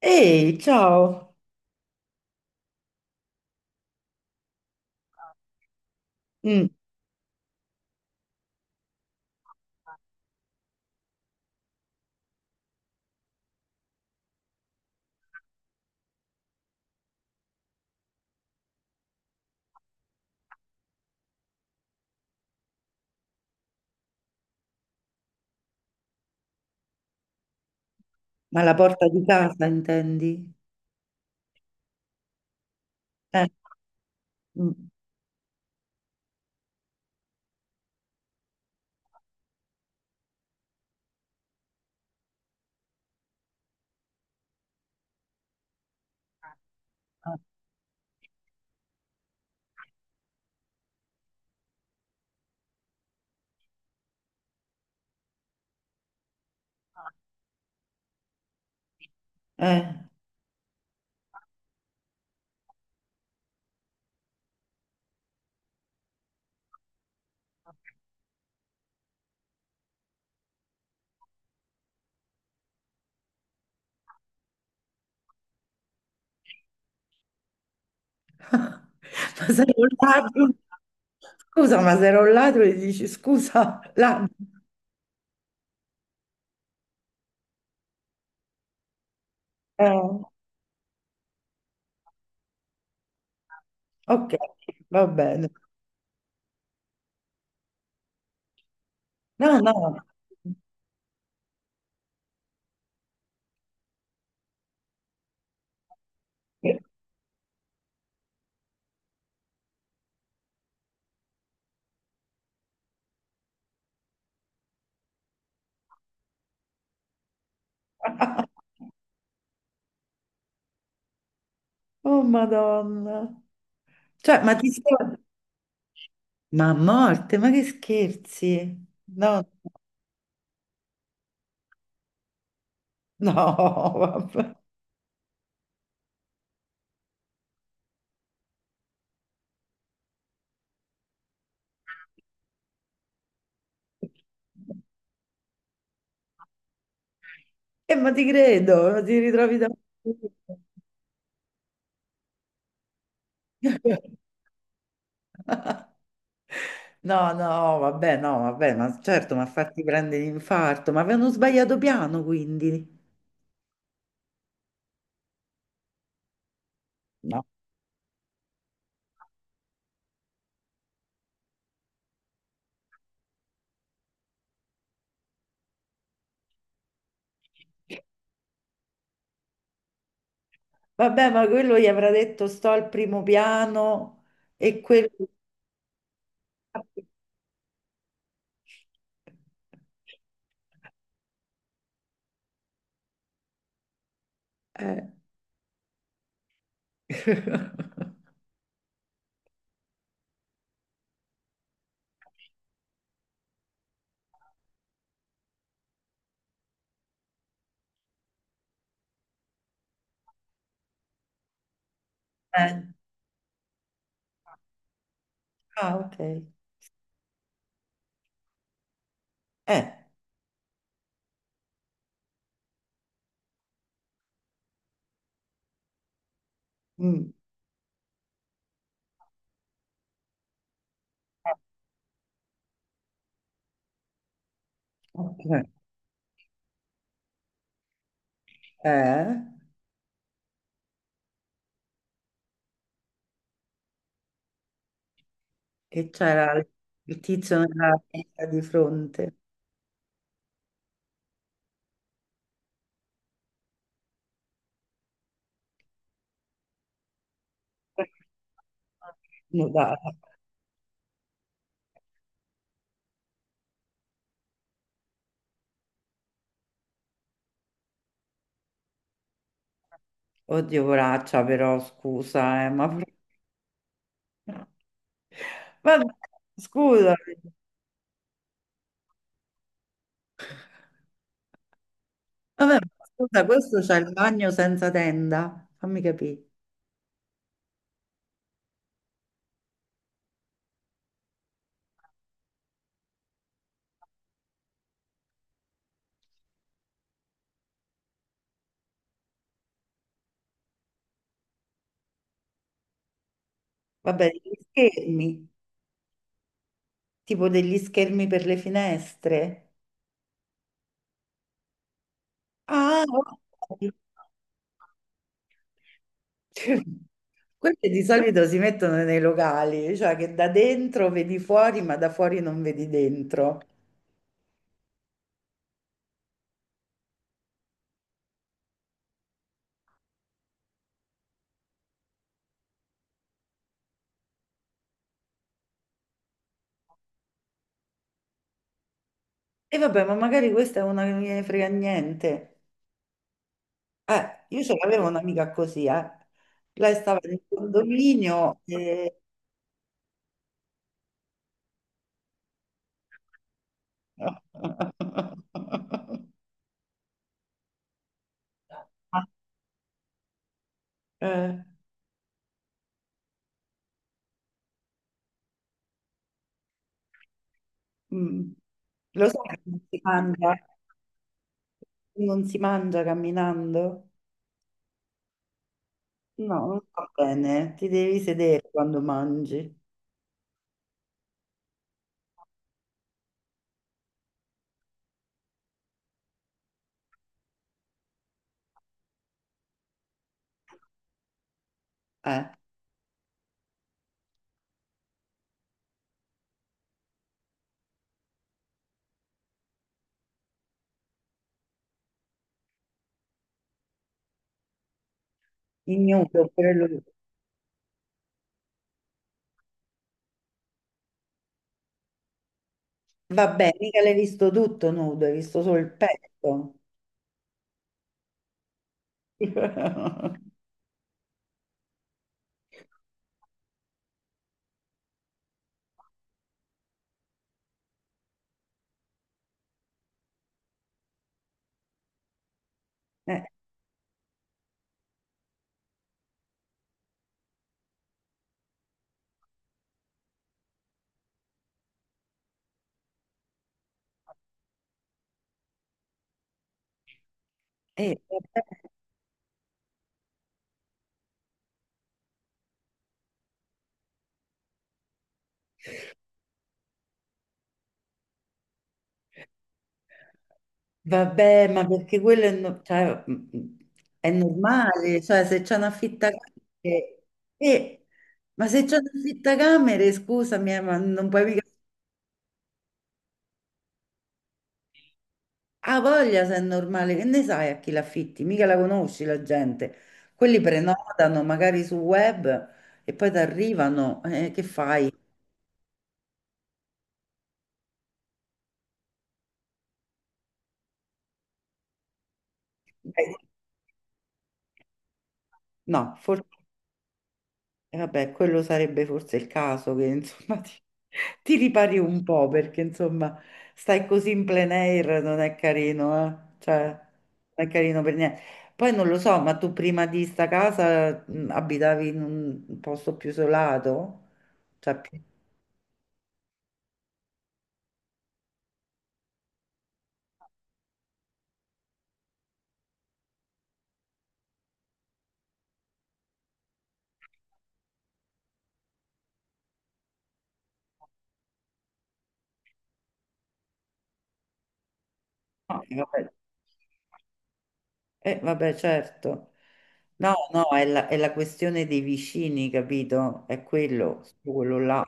Ehi, ciao! Mm. Ma la porta di casa intendi? Eh. Mm. Eh. Eh. Ma sei un ladro? Scusa, ma se ero un ladro e dici scusa, ladro. Eh, ok, va bene. No, no. Eh. Oh, Madonna. Cioè, ma ti stai... Ma a morte, ma che scherzi? No, no, vabbè. Ma ti credo, ti ritrovi da... No, no, vabbè, no, vabbè, ma certo, ma farti prendere l'infarto, ma avevano sbagliato piano, quindi. No. Vabbè, ma quello gli avrà detto sto al primo piano e quello... Eh. Eh. Ah, ok. Eh. Mm, ok. Eh, che c'era il tizio nella testa di fronte. Nudata. Oddio, poraccia, però scusa, ma vabbè, scusa, vabbè, ma scusa, questo c'ha il bagno senza tenda, fammi capire. Vabbè, degli schermi, tipo degli schermi per le finestre. Ah, ok. Quelli di solito si mettono nei locali, cioè che da dentro vedi fuori, ma da fuori non vedi dentro. E vabbè, ma magari questa è una che non gliene frega niente. Io ce l'avevo un'amica così, eh. Lei stava nel condominio e... Eh, mm. Lo so che non si mangia camminando? No, non va bene, ti devi sedere quando mangi. Eh, il nudo oppure lui. Vabbè, mica l'hai visto tutto nudo, hai visto solo il petto. Eh, vabbè. Vabbè, ma perché quello è, cioè, è normale, cioè se c'è un affittacamere, eh, ma se c'è un affittacamere, scusami, ma non puoi mica... Ha voglia se è normale, che ne sai a chi l'affitti? Mica la conosci la gente. Quelli prenotano magari sul web e poi ti arrivano, che fai? Eh. No, forse... E vabbè, quello sarebbe forse il caso che insomma ti ripari un po' perché insomma stai così in plein air non è carino, eh? Cioè, non è carino per niente. Poi non lo so, ma tu prima di sta casa abitavi in un posto più isolato? Cioè, più- No, vabbè, vabbè, certo. No, no, è la questione dei vicini, capito? È quello, su quello là.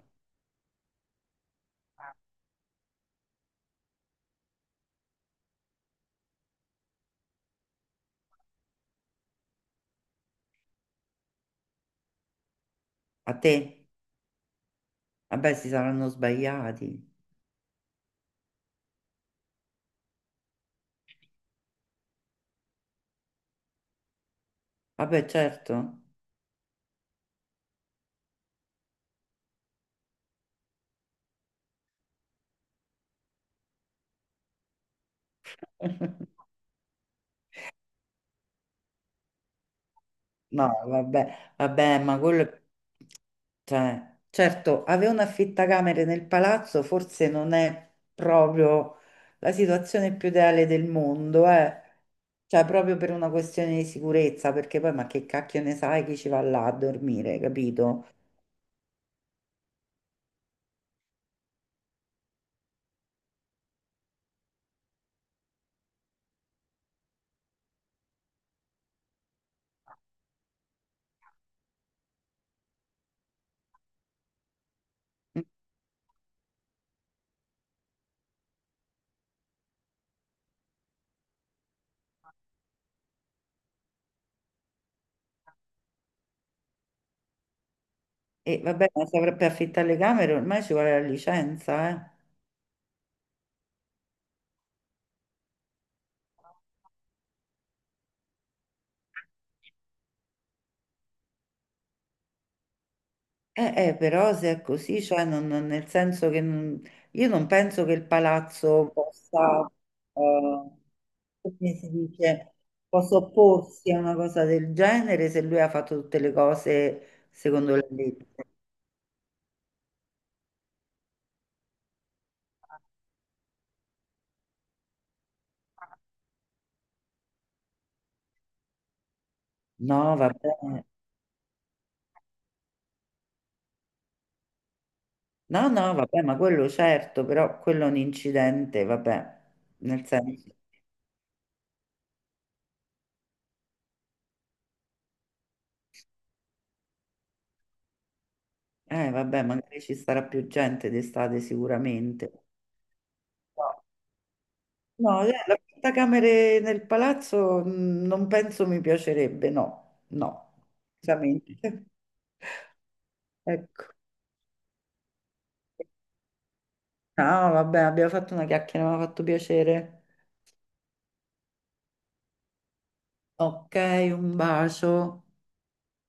A te? Vabbè, si saranno sbagliati. Vabbè, certo. No, vabbè, vabbè, ma quello, è- cioè, certo, avere un affittacamere nel palazzo forse non è proprio la situazione più ideale del mondo, eh. Cioè, proprio per una questione di sicurezza, perché poi, ma che cacchio ne sai chi ci va là a dormire, capito? E vabbè, ma se per affittare le camere ormai ci vuole la licenza, eh. Però se è così, cioè nel senso che non- io non penso che il palazzo possa, eh, come si dice, possa opporsi a una cosa del genere se lui ha fatto tutte le cose secondo la legge. No, vabbè, no, no, vabbè, ma quello certo, però quello è un incidente, vabbè, nel senso, vabbè, magari ci sarà più gente d'estate sicuramente. No, la portacamere nel palazzo non penso mi piacerebbe, no, no, veramente. Ecco. No, vabbè, abbiamo fatto una chiacchiera, mi ha fatto piacere. Ok, un bacio.